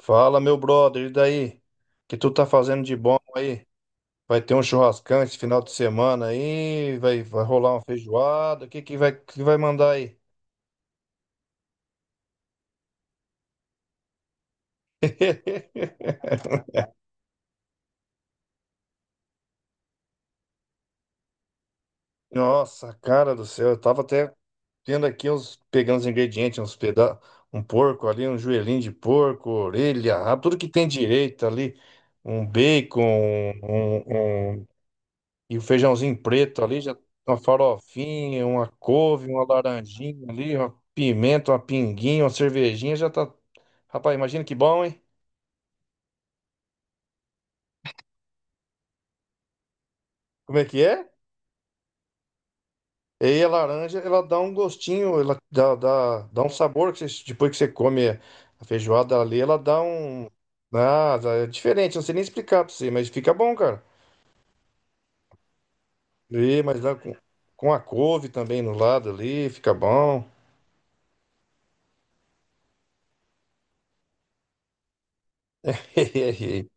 Fala, meu brother, e daí? O que tu tá fazendo de bom aí? Vai ter um churrascão esse final de semana aí? Vai rolar uma feijoada? O que que vai mandar aí? Nossa, cara do céu, eu tava até tendo aqui uns, pegando os ingredientes, uns peda um porco ali, um joelhinho de porco, orelha, rabo, tudo que tem direito ali, um bacon, E o feijãozinho preto ali, já uma farofinha, uma couve, uma laranjinha ali, uma pimenta, uma pinguinha, uma cervejinha, já tá. Rapaz, imagina que bom, hein? Como é que é? E aí a laranja, ela dá um gostinho, ela dá um sabor que depois que você come a feijoada ali, ela dá um. Ah, é diferente, não sei nem explicar pra você, mas fica bom, cara. E, mas com a couve também no lado ali, fica bom.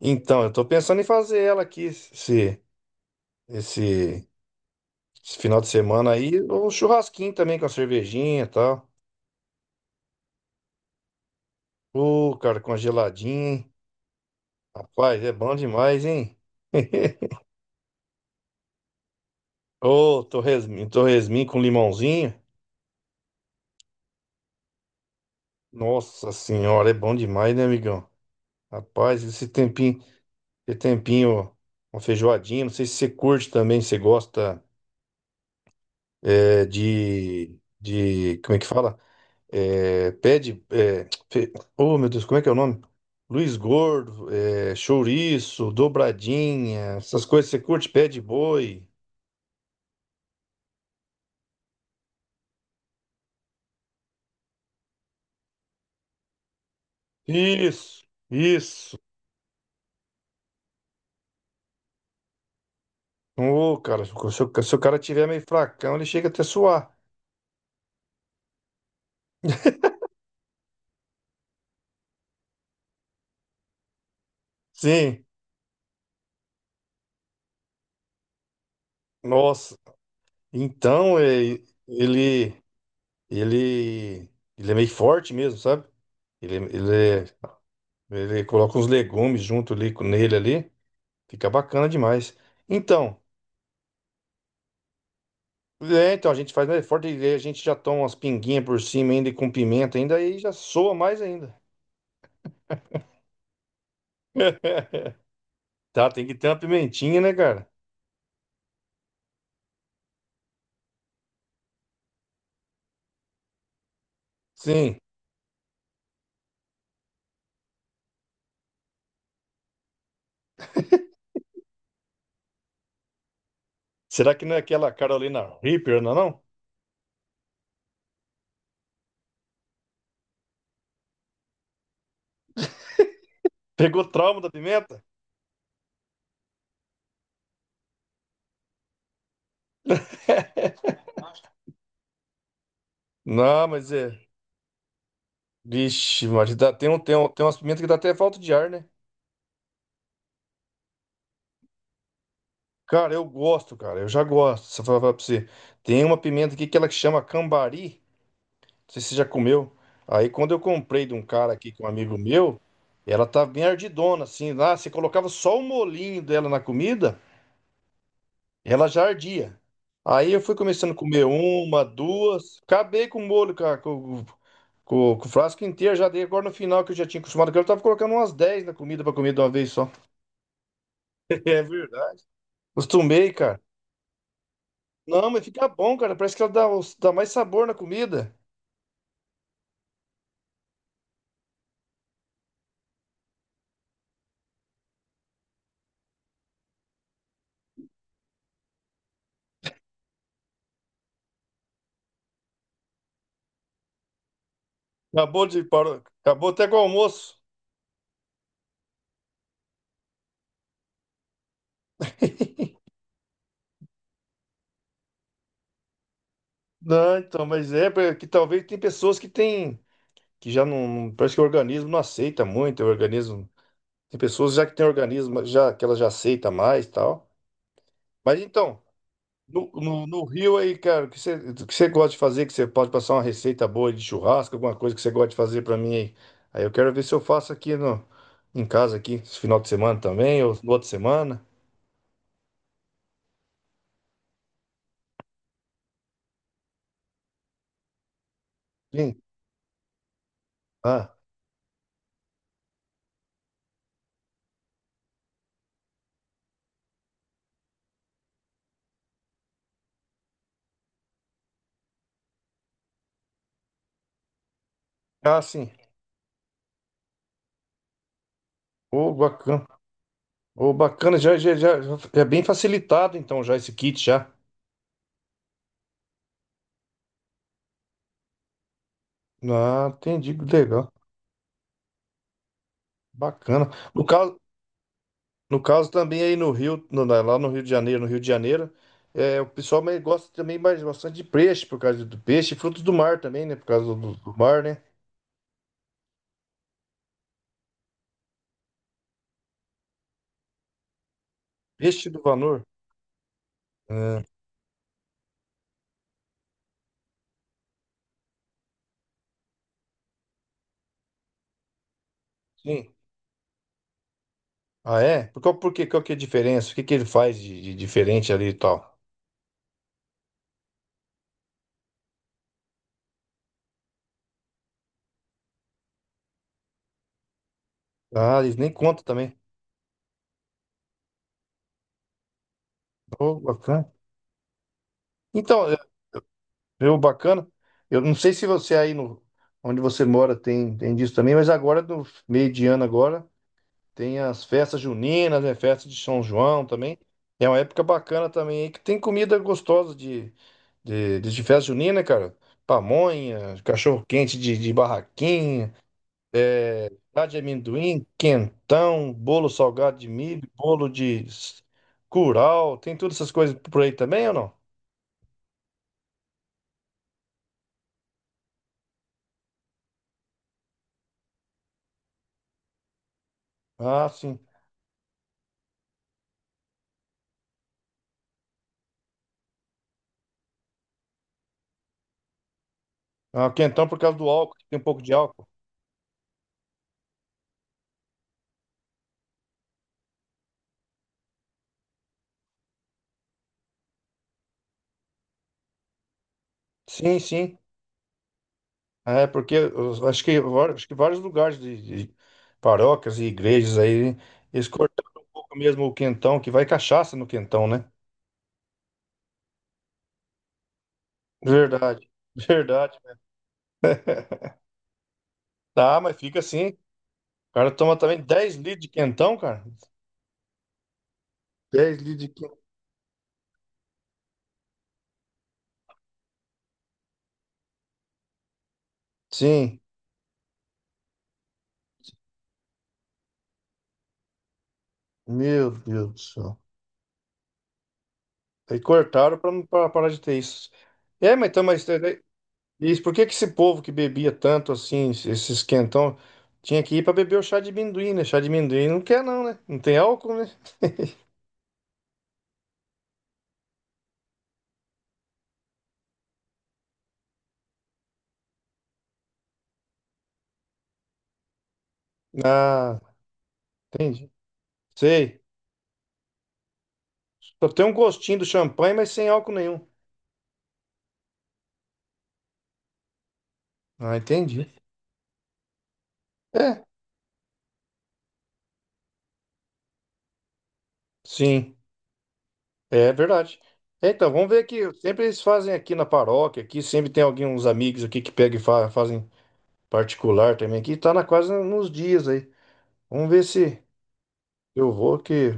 Então, eu tô pensando em fazer ela aqui, se. Esse, esse final de semana aí, um churrasquinho também com a cervejinha e tal. Ô, cara, com congeladinho, hein? Rapaz, é bom demais, hein? Ô, torresmin com limãozinho. Nossa senhora, é bom demais, né, amigão? Rapaz, esse tempinho, esse tempinho, uma feijoadinha, não sei se você curte também, se você gosta como é que fala? é, pede. É, oh, meu Deus, como é que é o nome? Luiz Gordo, é, chouriço, dobradinha, essas coisas. Você curte pé de boi? Isso, isso. Ô, cara, se o cara tiver meio fracão, ele chega até a suar. Sim, nossa. Então, é, ele, ele, ele é meio forte mesmo, sabe? Ele, ele, é- ele coloca uns legumes junto nele ali. Fica bacana demais. Então. É, então a gente faz mais forte e aí a gente já toma umas pinguinhas por cima ainda e com pimenta ainda, aí já soa mais ainda. Tá, tem que ter uma pimentinha, né, cara? Sim. Será que não é aquela Carolina Reaper, não, é não? Pegou trauma da pimenta? Não, mas é. Vixe, mas dá, tem, um, tem, um, tem umas pimentas que dá até falta de ar, né? Cara, eu gosto, cara. Eu já gosto. Se eu falar pra você. Tem uma pimenta aqui que ela que chama cambari. Não sei se você já comeu. Aí quando eu comprei de um cara aqui, que é um amigo meu, ela tá bem ardidona, assim. Lá, você colocava só o molinho dela na comida, ela já ardia. Aí eu fui começando a comer uma, duas, acabei com o molho, cara, com o frasco inteiro, já dei. Agora no final que eu já tinha acostumado, que eu tava colocando umas 10 na comida pra comer de uma vez só. É verdade. Acostumei, cara. Não, mas fica bom, cara. Parece que dá mais sabor na comida. Acabou de parou, acabou até com o almoço. Não, então, mas é que talvez tem pessoas que têm, que já não, não- parece que o organismo não aceita muito, o organismo, tem pessoas já que tem organismo, já que ela já aceita mais, e tal. Mas então, no Rio aí, cara, o que você gosta de fazer, que você pode passar uma receita boa de churrasco, alguma coisa que você gosta de fazer pra mim aí. Aí eu quero ver se eu faço aqui no, em casa aqui, esse final de semana também, ou no outra semana. Sim. Ah, ah, sim. Ô, bacana. Ô, bacana, já é bem facilitado então já esse kit já. Ah, entendi, que legal, bacana. No caso, no caso também aí no Rio, lá no Rio de Janeiro, no Rio de Janeiro, é, o pessoal mais gosta também mais bastante de peixe, por causa do peixe e frutos do mar também, né? Por causa do mar, né? Peixe do valor. Ah, sim. Ah, é? Por qual, por quê? Qual que é a diferença? O que que ele faz de diferente ali e tal? Ah, eles nem contam também. Oh, bacana. Então, é, eu, bacana. Eu não sei se você aí no, onde você mora tem, tem disso também, mas agora, no meio de ano agora. Tem as festas juninas, né? Festa de São João também. É uma época bacana também, aí, que tem comida gostosa de festa junina, né, cara. Pamonha, cachorro-quente de barraquinha, lá de amendoim, quentão, bolo salgado de milho, curau. Tem todas essas coisas por aí também ou não? Ah, sim. Ah, quentão por causa do álcool, que tem um pouco de álcool. Sim, sim. É, porque eu acho que, acho que vários lugares de paróquias e igrejas aí, eles cortaram um pouco mesmo o quentão, que vai cachaça no quentão, né? Verdade, verdade. Tá, mas fica assim. O cara toma também 10 litros de quentão, cara. Dez litros de quentão. Sim, meu Deus do céu. Aí cortaram pra não pra parar de ter isso. É, mas então, mas é, isso, por que que esse povo que bebia tanto assim, esses quentão, tinha que ir pra beber o chá de amendoim, né? Chá de amendoim não quer, não, né? Não tem álcool, né? Ah, entendi. Sei. Só tem um gostinho do champanhe, mas sem álcool nenhum. Ah, entendi. É, sim, é verdade. É, então, vamos ver aqui. Sempre eles fazem aqui na paróquia, aqui sempre tem alguém, uns amigos aqui que pegam e fazem particular também aqui. Tá na quase nos dias aí. Vamos ver se eu vou, que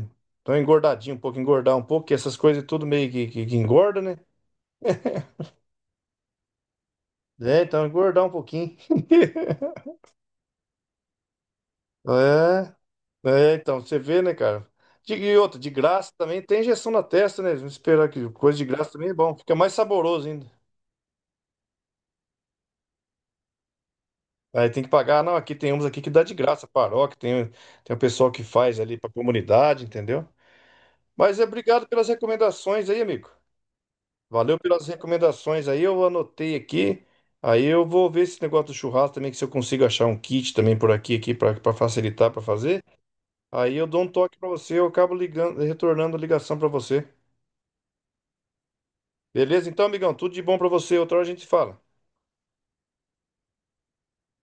tô engordadinho um pouco, engordar um pouco, que essas coisas tudo meio que, que engorda, né? É, então engordar um pouquinho. É. É, então, você vê, né, cara? De, e outra, de graça também tem injeção na testa, né? Vamos esperar que coisa de graça também é bom, fica mais saboroso ainda. Aí tem que pagar, não, aqui tem uns aqui que dá de graça, paróquia, tem, tem o pessoal que faz ali pra comunidade, entendeu? Mas é obrigado pelas recomendações aí, amigo. Valeu pelas recomendações aí, eu anotei aqui. Aí eu vou ver esse negócio do churrasco também, que se eu consigo achar um kit também por aqui, aqui para facilitar pra fazer. Aí eu dou um toque pra você, eu acabo ligando, retornando a ligação pra você. Beleza? Então, amigão, tudo de bom pra você. Outra hora a gente se fala.